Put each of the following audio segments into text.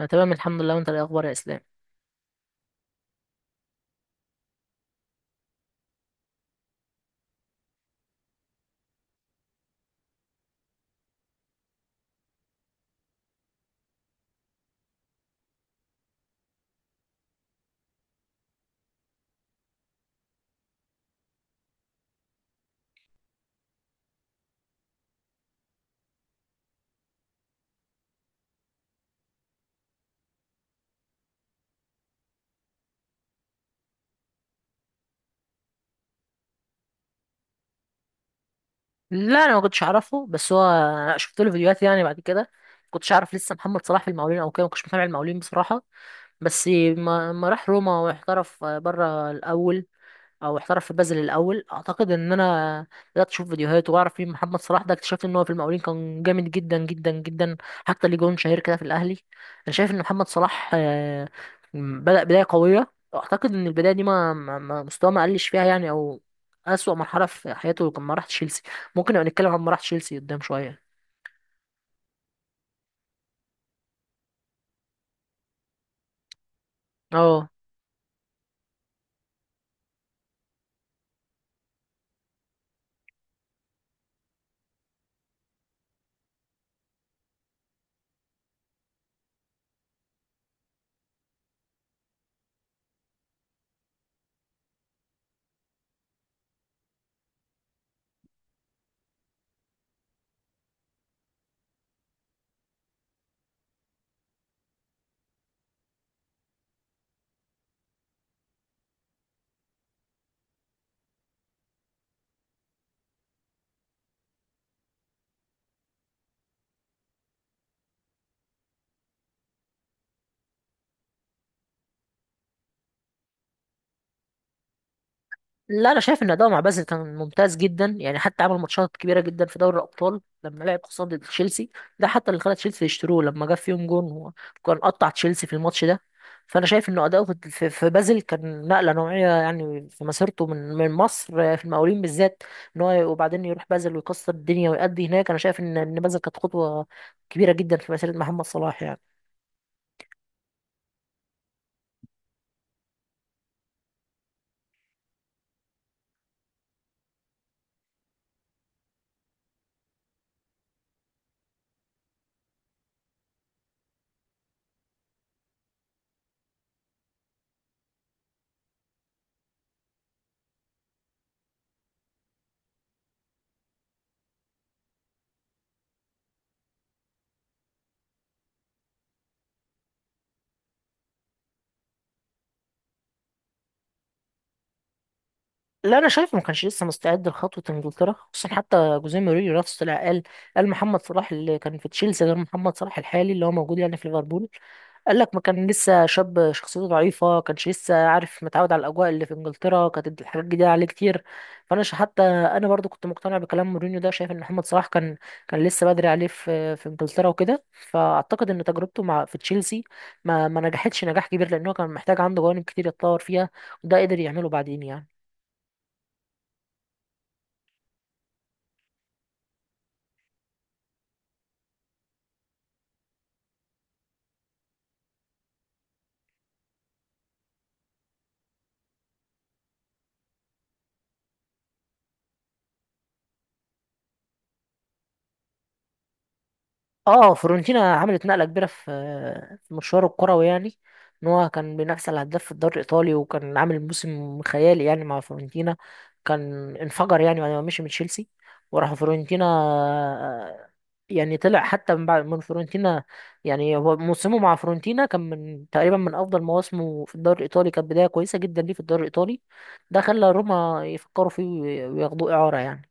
انا تمام، الحمد لله. وانت إيه الاخبار يا اسلام؟ لا، انا ما كنتش اعرفه، بس هو أنا شفت له فيديوهات يعني بعد كده. ما كنتش اعرف لسه محمد صلاح في المقاولين او كده، ما كنتش متابع المقاولين بصراحه. بس ما راح روما واحترف بره الاول، او احترف في بازل الاول. اعتقد ان انا بدات اشوف فيديوهات واعرف مين محمد صلاح ده، اكتشفت ان هو في المقاولين كان جامد جدا جدا جدا، حتى ليه جون شهير كده في الاهلي. انا شايف ان محمد صلاح بدا بدايه قويه. اعتقد ان البدايه دي مستواه ما قلش فيها يعني، او اسوأ مرحله في حياته لما راح تشيلسي. ممكن نبقى نتكلم عن ما راح تشيلسي قدام شويه. اه، لا، انا شايف ان اداؤه مع بازل كان ممتاز جدا يعني، حتى عمل ماتشات كبيره جدا في دوري الابطال لما لعب خصوصا ضد تشيلسي. ده حتى اللي خلى تشيلسي يشتروه لما جاب فيهم جون هو، كان قطع تشيلسي في الماتش ده. فانا شايف انه اداؤه في بازل كان نقله نوعيه يعني في مسيرته من مصر في المقاولين بالذات، ان هو وبعدين يروح بازل ويكسر الدنيا ويأدي هناك. انا شايف ان بازل كانت خطوه كبيره جدا في مسيره محمد صلاح يعني. لا، انا شايف ما كانش لسه مستعد لخطوه انجلترا، خصوصا حتى جوزيه مورينيو نفسه طلع قال محمد صلاح اللي كان في تشيلسي غير محمد صلاح الحالي اللي هو موجود يعني في ليفربول. قال لك ما كان لسه شاب، شخصيته ضعيفه، كانش لسه عارف متعود على الاجواء اللي في انجلترا، كانت الحاجات جديده عليه كتير. فانا حتى انا برضو كنت مقتنع بكلام مورينيو ده، شايف ان محمد صلاح كان لسه بدري عليه في انجلترا وكده. فاعتقد ان تجربته مع في تشيلسي ما نجحتش نجاح كبير، لان هو كان محتاج عنده جوانب كتير يتطور فيها، وده قدر يعمله بعدين يعني. اه، فيورنتينا عملت نقله كبيره في مشواره الكروي يعني، ان هو كان بينافس على الهداف في الدوري الايطالي وكان عامل موسم خيالي يعني مع فيورنتينا. كان انفجر يعني بعد ما مشي من تشيلسي وراح فيورنتينا. يعني طلع حتى من بعد من فيورنتينا. يعني هو موسمه مع فيورنتينا كان من تقريبا من افضل مواسمه في الدوري الايطالي، كانت بدايه كويسه جدا ليه في الدوري الايطالي، ده خلى روما يفكروا فيه وياخدوه اعاره يعني.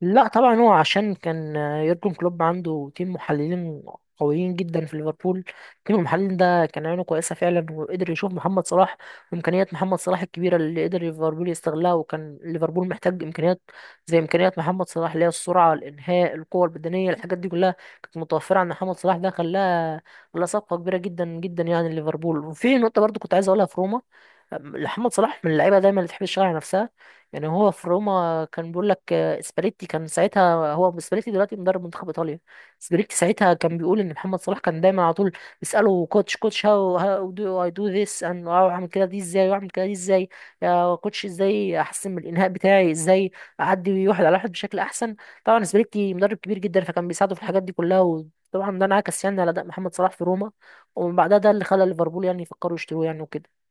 لا، طبعا هو عشان كان يورجن كلوب عنده تيم محللين قويين جدا في ليفربول. تيم المحللين ده كان عينه كويسة فعلا، وقدر يشوف محمد صلاح وإمكانيات محمد صلاح الكبيرة اللي قدر ليفربول يستغلها. وكان ليفربول محتاج إمكانيات زي إمكانيات محمد صلاح، اللي هي السرعة، الإنهاء، القوة البدنية، الحاجات دي كلها كانت متوفرة عند محمد صلاح. ده خلاها صفقة كبيرة جدا جدا يعني ليفربول. وفي نقطة برضو كنت عايز أقولها في روما، محمد صلاح من اللعيبة دايما اللي تحب تشتغل على نفسها. يعني هو في روما كان بيقول لك، سباليتي كان ساعتها، هو سباليتي دلوقتي مدرب منتخب ايطاليا. سباليتي ساعتها كان بيقول ان محمد صلاح كان دايما على طول بيساله، كوتش كوتش، هاو دو اي دو ذس، اند اعمل كده دي ازاي، واعمل كده دي ازاي؟ يا كوتش، ازاي احسن من الانهاء بتاعي؟ ازاي اعدي واحد على واحد بشكل احسن؟ طبعا سباليتي مدرب كبير جدا، فكان بيساعده في الحاجات دي كلها، وطبعا ده انعكس يعني على اداء محمد صلاح في روما. ومن بعدها ده اللي خلى ليفربول يعني يفكروا يشتروه يعني وكده.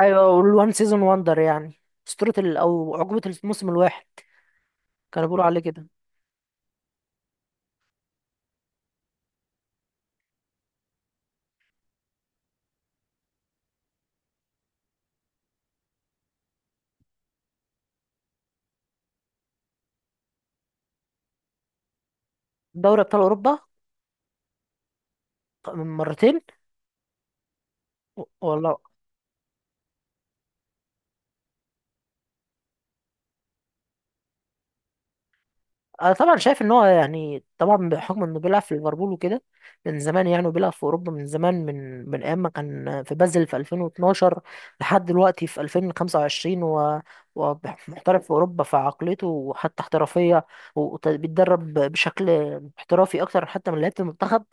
ايوه، والوان سيزون وندر يعني. او عقبه الموسم الواحد كانوا بيقولوا عليه كده. دوري ابطال اوروبا، من مرتين. والله، انا طبعا شايف ان هو، يعني طبعا بحكم انه بيلعب في ليفربول وكده من زمان يعني، وبيلعب في اوروبا من زمان، من ايام ما كان في بازل في 2012 لحد دلوقتي في 2025. ومحترف في اوروبا، فعقليته وحتى احترافيه وبيتدرب بشكل احترافي اكتر حتى من لعيبه المنتخب.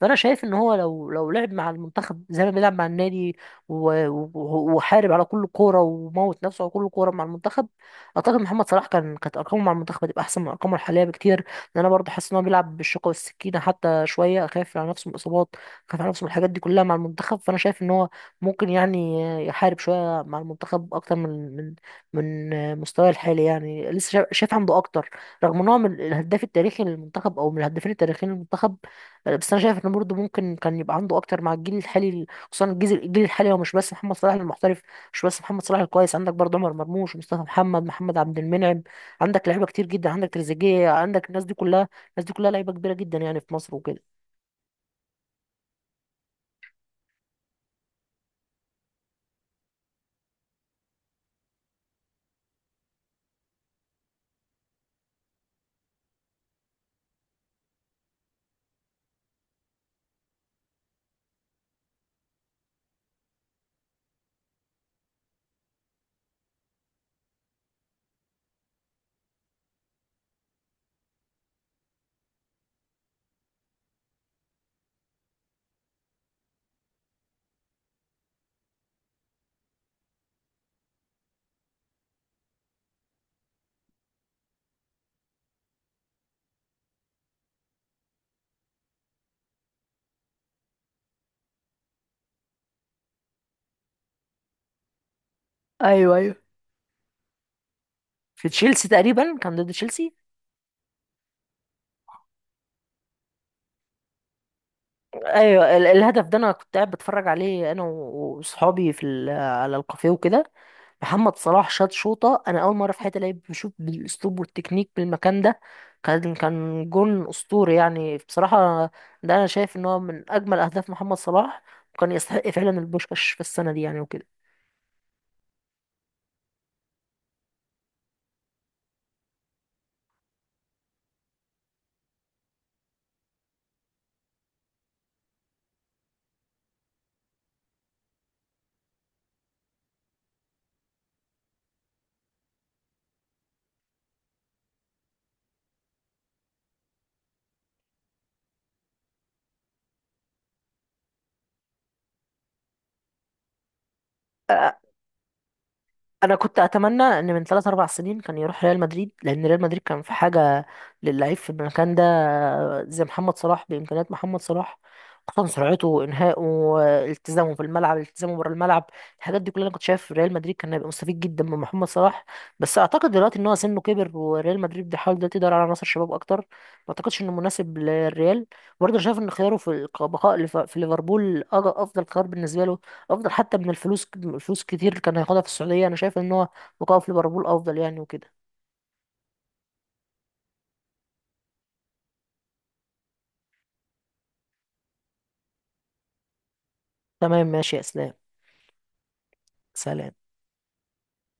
فانا شايف ان هو لو لعب مع المنتخب زي ما بيلعب مع النادي، وحارب على كل كوره وموت نفسه على كل كوره مع المنتخب، اعتقد محمد صلاح كانت ارقامه مع المنتخب هتبقى احسن من ارقامه الحاليه بكتير. لان انا برضه حاسس ان هو بيلعب بالشوكه والسكينه، حتى شويه خايف على نفسه من الاصابات، خايف على نفسه من الحاجات دي كلها مع المنتخب. فانا شايف ان هو ممكن يعني يحارب شويه مع المنتخب اكتر من مستواه الحالي يعني. لسه شايف عنده اكتر، رغم ان هو من الهداف التاريخي للمنتخب او من الهدافين التاريخيين للمنتخب. بس انا شايف ان برضه ممكن كان يبقى عنده اكتر مع الجيل الحالي. خصوصا الجيل الحالي هو مش بس محمد صلاح المحترف، مش بس محمد صلاح الكويس. عندك برضه عمر مرموش، مصطفى محمد، محمد عبد المنعم، عندك لعيبه كتير جدا، عندك تريزيجيه، عندك الناس دي كلها. الناس دي كلها لعيبه كبيره جدا يعني في مصر وكده. ايوه، ايوه. في تشيلسي تقريبا، كان ضد تشيلسي. ايوه، الهدف ده انا كنت قاعد بتفرج عليه انا وصحابي على الكافيه وكده. محمد صلاح شاط شوطة، أنا أول مرة في حياتي لعيب بشوف بالأسلوب والتكنيك من المكان ده. كان جون أسطوري يعني بصراحة. ده أنا شايف إن هو من أجمل أهداف محمد صلاح، وكان يستحق فعلا البوشكاش في السنة دي يعني وكده. انا كنت اتمنى ان من 3 4 سنين كان يروح ريال مدريد، لان ريال مدريد كان في حاجه للعيب في المكان ده، زي محمد صلاح، بامكانيات محمد صلاح، خصوصا سرعته، انهائه، التزامه في الملعب، التزامه بره الملعب. الحاجات دي كلها انا كنت شايف ريال مدريد كان هيبقى مستفيد جدا من محمد صلاح. بس اعتقد دلوقتي ان هو سنه كبر، وريال مدريد بيحاول دلوقتي يدور على عناصر شباب اكتر، ما اعتقدش انه مناسب للريال. برضه أنا شايف ان خياره في البقاء في ليفربول افضل خيار بالنسبه له. افضل حتى من الفلوس، الفلوس كتير اللي كان هياخدها في السعوديه. انا شايف ان هو بقائه في ليفربول افضل يعني وكده. تمام، ماشي يا اسلام. سلام.